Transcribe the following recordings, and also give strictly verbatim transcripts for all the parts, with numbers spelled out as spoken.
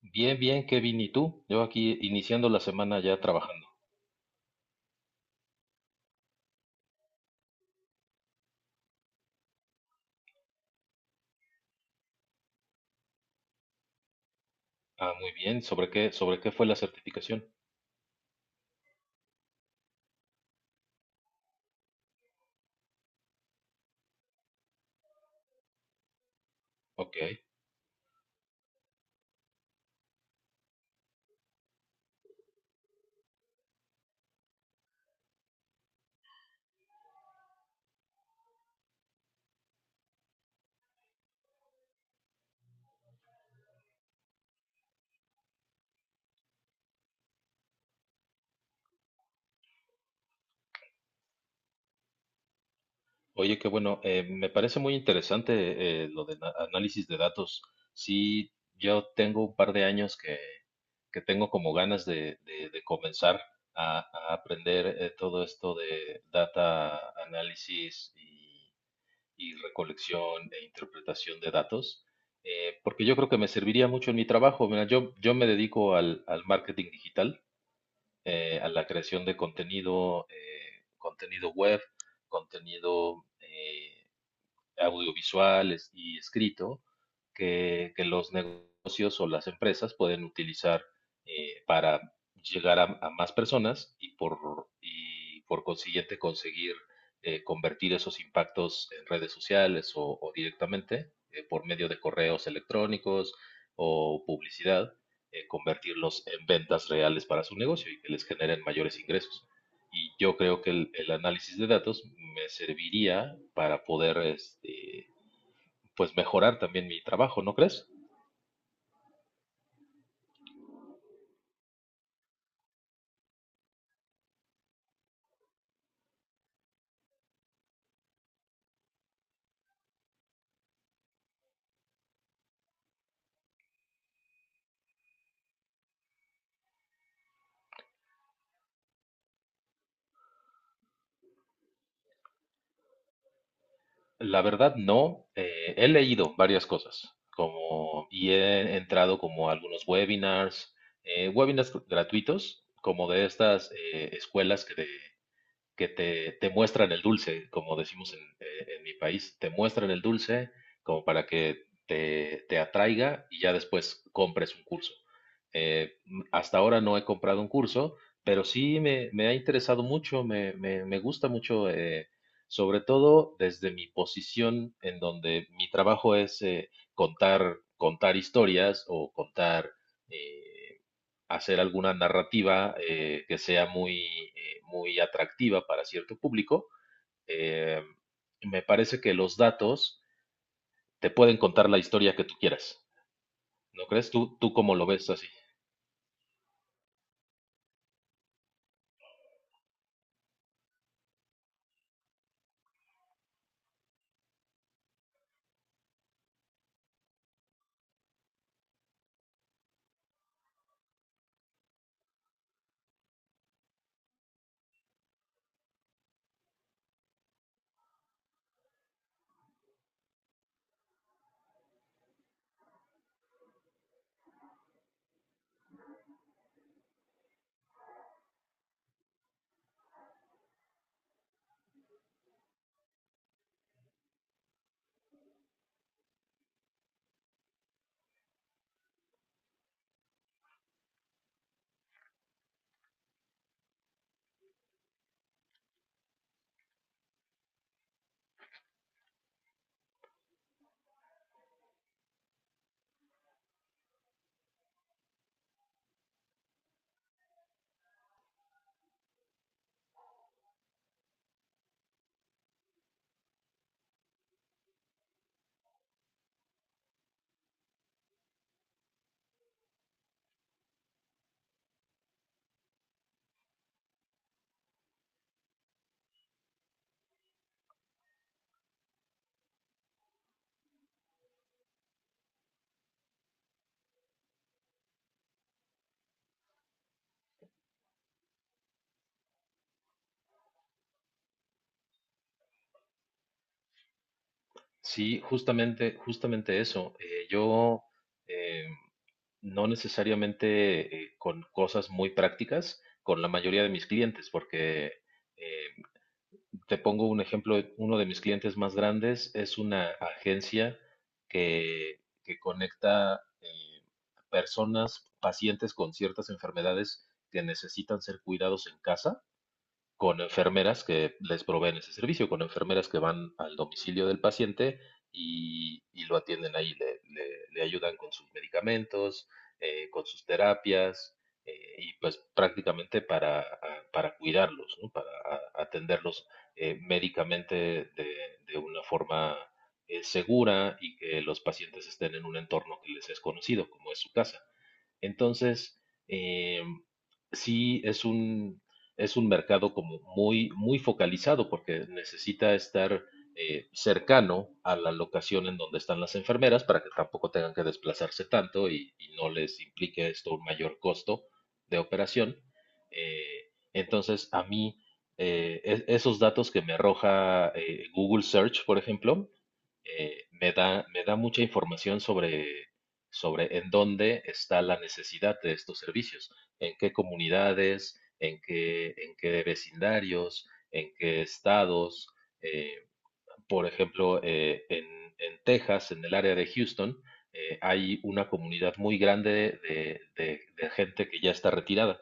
Bien, bien, Kevin, ¿y tú? Yo aquí iniciando la semana ya trabajando. Ah, muy bien. ¿Sobre qué, sobre qué fue la certificación? Ok. Oye, qué bueno. Eh, me parece muy interesante eh, lo de na- análisis de datos. Sí, yo tengo un par de años que, que tengo como ganas de, de- de comenzar a, a aprender eh, todo esto de data análisis y recolección e interpretación de datos, eh, porque yo creo que me serviría mucho en mi trabajo. Mira, yo, yo me dedico al, al marketing digital, eh, a la creación de contenido, eh, contenido web, contenido eh, audiovisuales y escrito que, que los negocios o las empresas pueden utilizar eh, para llegar a, a, más personas y por, y por consiguiente conseguir eh, convertir esos impactos en redes sociales o, o directamente eh, por medio de correos electrónicos o publicidad, eh, convertirlos en ventas reales para su negocio y que les generen mayores ingresos. Y yo creo que el, el análisis de datos me serviría para poder, este, pues, mejorar también mi trabajo, ¿no crees? La verdad, no. Eh, he leído varias cosas, como, y he entrado como a algunos webinars, eh, webinars gr- gratuitos, como de estas eh, escuelas que de que te, te muestran el dulce, como decimos en, eh, en mi país, te muestran el dulce como para que te, te atraiga y ya después compres un curso. Eh, m- hasta ahora no he comprado un curso, pero sí me, me ha interesado mucho, me, me- me gusta mucho, eh, sobre todo desde mi posición en donde mi trabajo es eh, contar, contar historias o contar... eh, Hacer alguna narrativa eh, que sea muy, eh, muy atractiva para cierto público, eh, me parece que los datos te pueden contar la historia que tú quieras. ¿No crees? ¿Tú, tú cómo lo ves así? Sí, justamente, justamente eso. Eh, yo eh, no necesariamente eh, con cosas muy prácticas con la mayoría de mis clientes, porque eh, te pongo un ejemplo, uno de mis clientes más grandes es una agencia que, que conecta eh, personas, pacientes con ciertas enfermedades que necesitan ser cuidados en casa con enfermeras que les proveen ese servicio, con enfermeras que van al domicilio del paciente y, y lo atienden ahí, le, le- le ayudan con sus medicamentos, eh, con sus terapias, eh, y pues prácticamente para, a- para cuidarlos, ¿no? Para a- atenderlos eh, médicamente de, de una forma eh, segura y que los pacientes estén en un entorno que les es conocido, como es su casa. Entonces, eh, sí es un, es un mercado como muy, muy focalizado porque necesita estar eh, cercano a la locación en donde están las enfermeras para que tampoco tengan que desplazarse tanto y, y no les implique esto un mayor costo de operación. Eh, entonces, a mí, eh, e- esos datos que me arroja eh, Google Search, por ejemplo, eh, me da, me da mucha información sobre, sobre en dónde está la necesidad de estos servicios, en qué comunidades, en qué, en qué vecindarios, en qué estados. eh, por ejemplo, eh, en, en Texas, en el área de Houston, eh, hay una comunidad muy grande de, de de gente que ya está retirada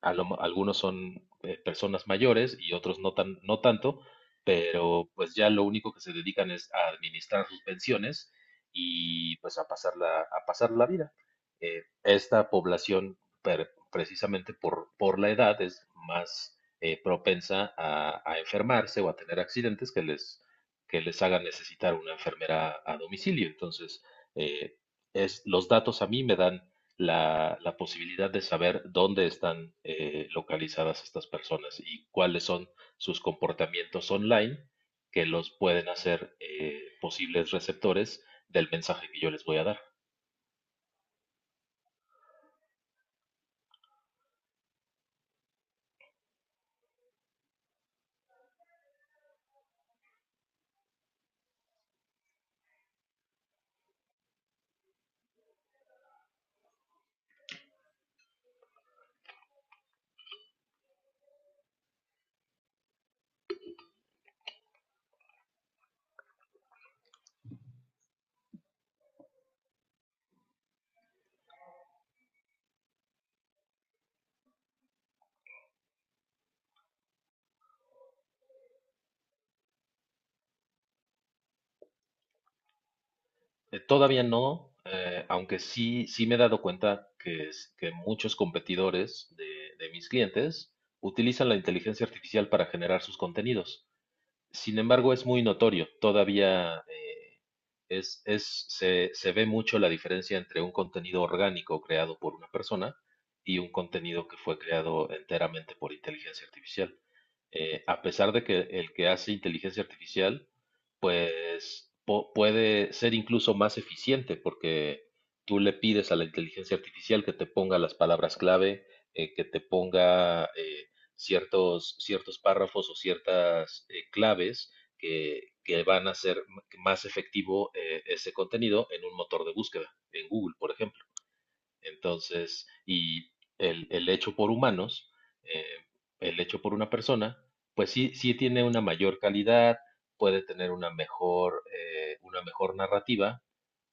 a lo mo- algunos son eh, personas mayores y otros no tan, no tanto, pero pues ya lo único que se dedican es a administrar sus pensiones y pues a pasar la, a pasar la vida. Eh, esta población, per- precisamente por, por la edad, es más eh, propensa a, a enfermarse o a tener accidentes que les, que les hagan necesitar una enfermera a domicilio. Entonces, eh, es, los datos a mí me dan la, la posibilidad de saber dónde están eh, localizadas estas personas y cuáles son sus comportamientos online que los pueden hacer eh, posibles receptores del mensaje que yo les voy a dar. Eh, todavía no, eh, aunque sí, sí me he dado cuenta que, es, que muchos competidores de, de mis clientes utilizan la inteligencia artificial para generar sus contenidos. Sin embargo, es muy notorio. Todavía Es, es, se, se ve mucho la diferencia entre un contenido orgánico creado por una persona y un contenido que fue creado enteramente por inteligencia artificial eh, a pesar de que el que hace inteligencia artificial, pues po- puede ser incluso más eficiente porque tú le pides a la inteligencia artificial que te ponga las palabras clave, eh, que te ponga eh, ciertos, ciertos párrafos o ciertas eh, claves que, que van a hacer m- más efectivo eh, ese contenido en un motor de búsqueda, en Google, por ejemplo. Entonces, y el, el hecho por humanos, eh, el hecho por una persona, pues sí, sí tiene una mayor calidad, puede tener una mejor, eh, una mejor narrativa,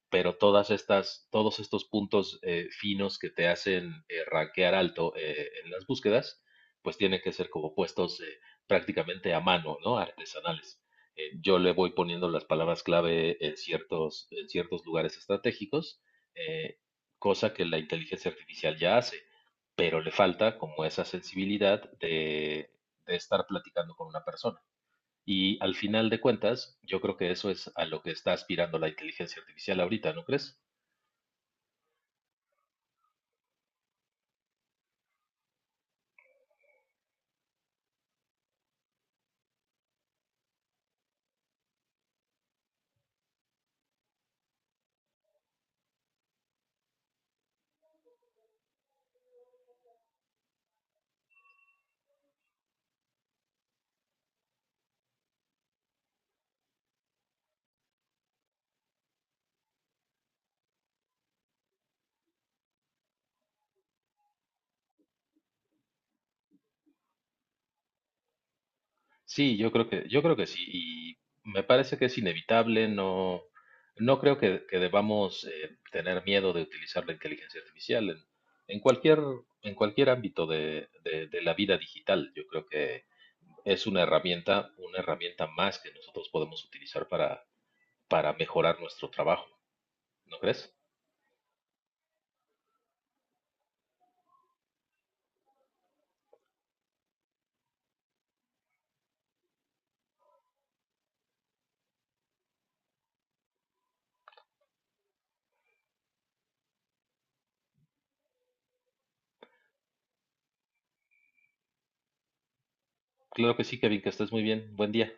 pero todas estas, todos estos puntos eh, finos que te hacen eh, rankear alto eh, en las búsquedas, pues tienen que ser como puestos eh, prácticamente a mano, ¿no? Artesanales. Eh, yo le voy poniendo las palabras clave en ciertos, en ciertos lugares estratégicos, eh, cosa que la inteligencia artificial ya hace, pero le falta como esa sensibilidad de, de estar platicando con una persona. Y al final de cuentas, yo creo que eso es a lo que está aspirando la inteligencia artificial ahorita, ¿no crees? Sí, yo creo que, yo creo que sí, y me parece que es inevitable, no, no creo que, que debamos eh, tener miedo de utilizar la inteligencia artificial en, en cualquier, en cualquier ámbito de, de, de la vida digital. Yo creo que es una herramienta, una herramienta más que nosotros podemos utilizar para, para mejorar nuestro trabajo, ¿no crees? Claro que sí, Kevin, que estés muy bien. Buen día.